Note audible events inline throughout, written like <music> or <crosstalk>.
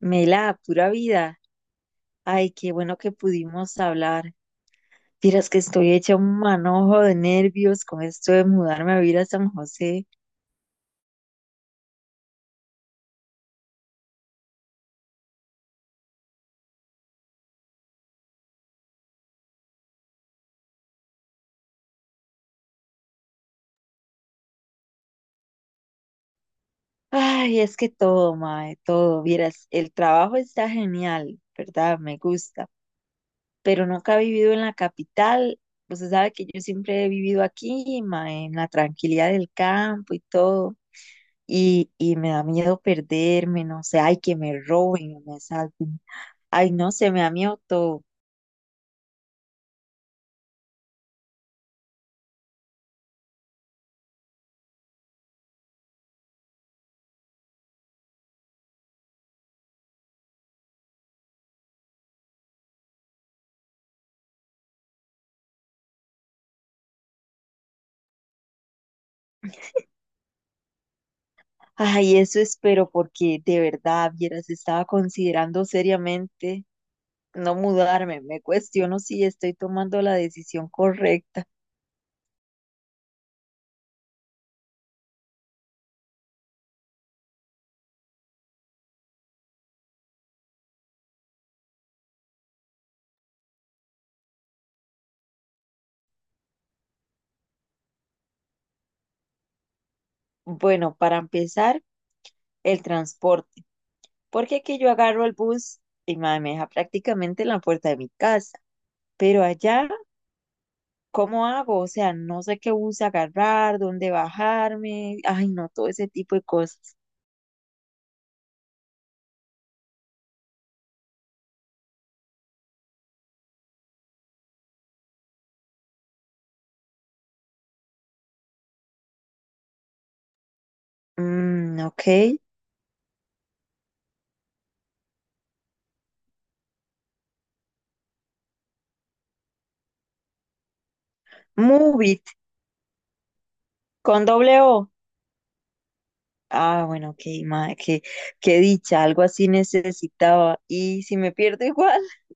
Mela, pura vida. Ay, qué bueno que pudimos hablar. Vieras que estoy hecha un manojo de nervios con esto de mudarme a vivir a San José. Ay, es que todo, mae, todo. Vieras, el trabajo está genial, ¿verdad? Me gusta. Pero nunca he vivido en la capital. Usted sabe que yo siempre he vivido aquí, mae, en la tranquilidad del campo y todo. Y me da miedo perderme, no sé, ay, que me roben, me asalten. Ay, no sé, me da miedo todo. Ay, eso espero porque de verdad, vieras, estaba considerando seriamente no mudarme. Me cuestiono si estoy tomando la decisión correcta. Bueno, para empezar, el transporte. Porque aquí yo agarro el bus y mae, me deja prácticamente en la puerta de mi casa. Pero allá, ¿cómo hago? O sea, no sé qué bus agarrar, dónde bajarme. Ay, no, todo ese tipo de cosas. Mm, ok. Move it, con doble O. Ah, bueno, ok, madre, qué, qué dicha, algo así necesitaba. Y si me pierdo igual. <laughs>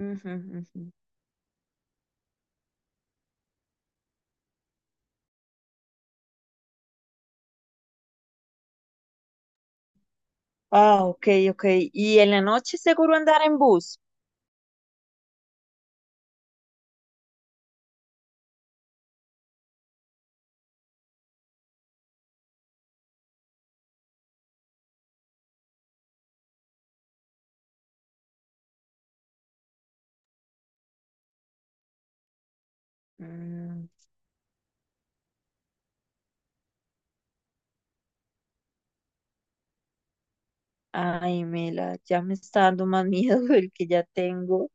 Ujú, ujú. Ah, ok, ok. Y en la noche seguro andar en bus. Mm, ay, Mela, ya me está dando más miedo <laughs> el que ya tengo.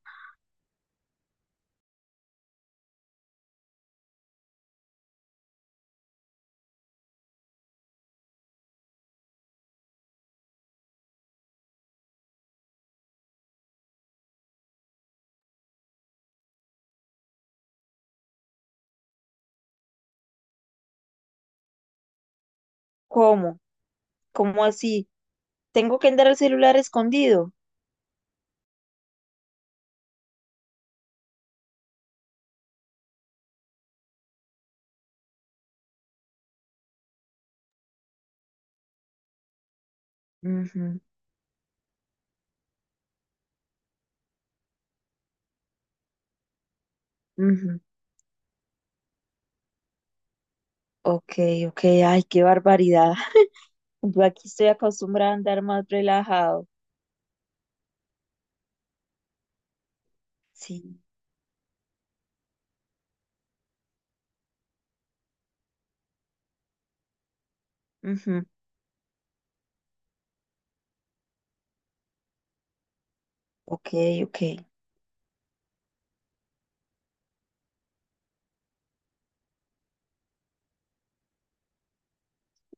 ¿Cómo? ¿Cómo así? ¿Tengo que andar el celular escondido? Ujú, ujú. Ok, ok, ay, qué barbaridad. <laughs> Yo aquí estoy acostumbrada a andar más relajado. Sí. Ujú, ok, ok.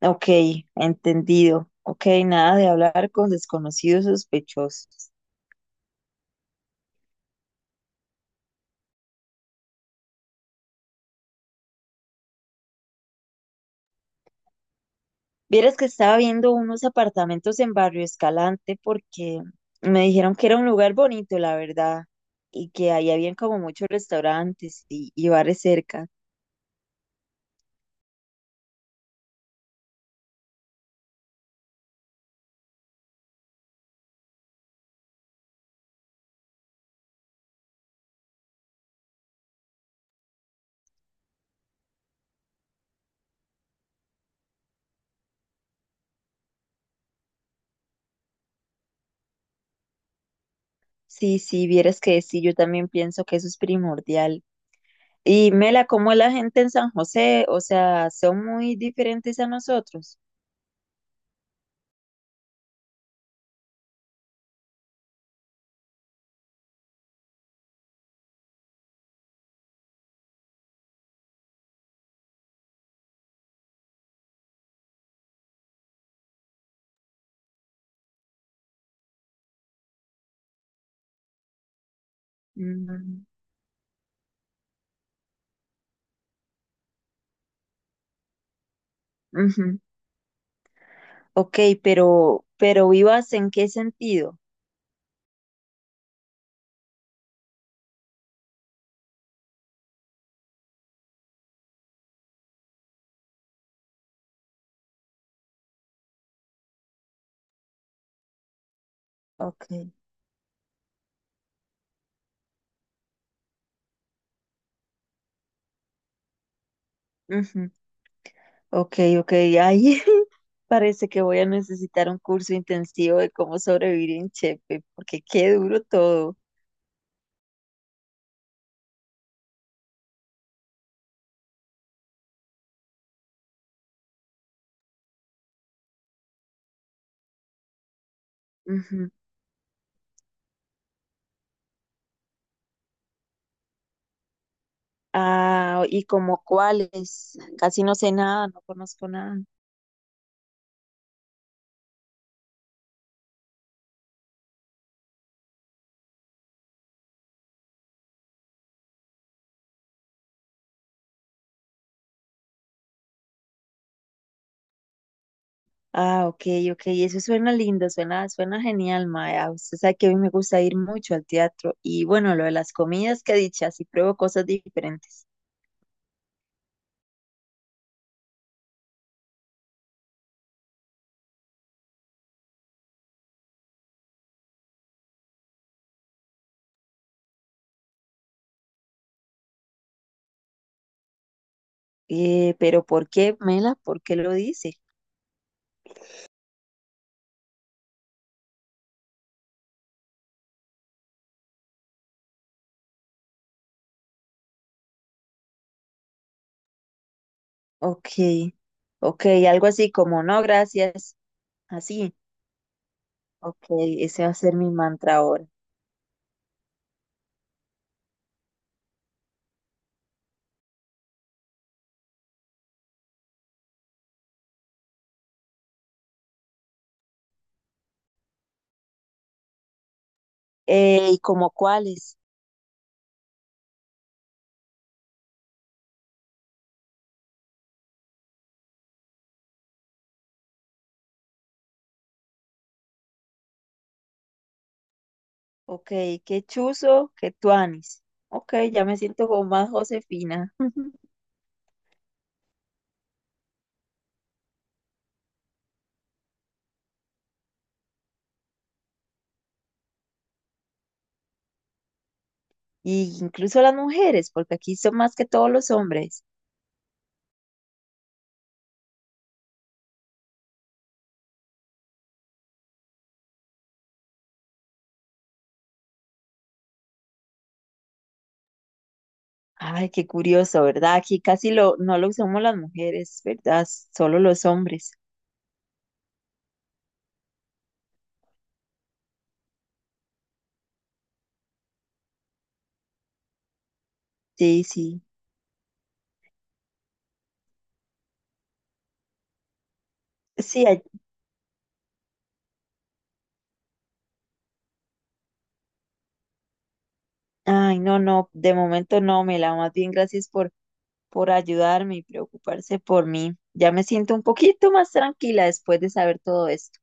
Ok, entendido. Ok, nada de hablar con desconocidos sospechosos. Vieras que estaba viendo unos apartamentos en Barrio Escalante porque me dijeron que era un lugar bonito, la verdad, y que ahí habían como muchos restaurantes y bares cerca. Sí, sí, vieras que sí, yo también pienso que eso es primordial. Y Mela, ¿cómo es la gente en San José? O sea, son muy diferentes a nosotros. Mm, ujú. Ok, pero ¿vivas en qué sentido? Ok, ujú, ok, ok, ahí <laughs> parece que voy a necesitar un curso intensivo de cómo sobrevivir en Chepe, porque qué duro todo. Ujú. Ah, ¿y como cuáles? Casi no sé nada, no conozco nada. Ah, ok, ok, eso suena lindo, suena, suena genial, Maya. Usted sabe que a mí me gusta ir mucho al teatro y bueno, lo de las comidas que he dicho, así pruebo cosas diferentes. Pero ¿por qué, Mela? ¿Por qué lo dice? Ok, ok, algo así como no, gracias. Así. Ok, ese va a ser mi mantra ahora. ¿Y como cuáles? Ok, qué chuzo, qué tuanis. Ok, ya me siento como más Josefina. <laughs> Y incluso las mujeres, porque aquí son más que todos los hombres. Ay, qué curioso, ¿verdad? Aquí casi lo, no lo usamos las mujeres, ¿verdad? Solo los hombres. Sí, sí. Sí, ay, ay, no, no, de momento no, Mela, más bien gracias por ayudarme y preocuparse por mí. Ya me siento un poquito más tranquila después de saber todo esto.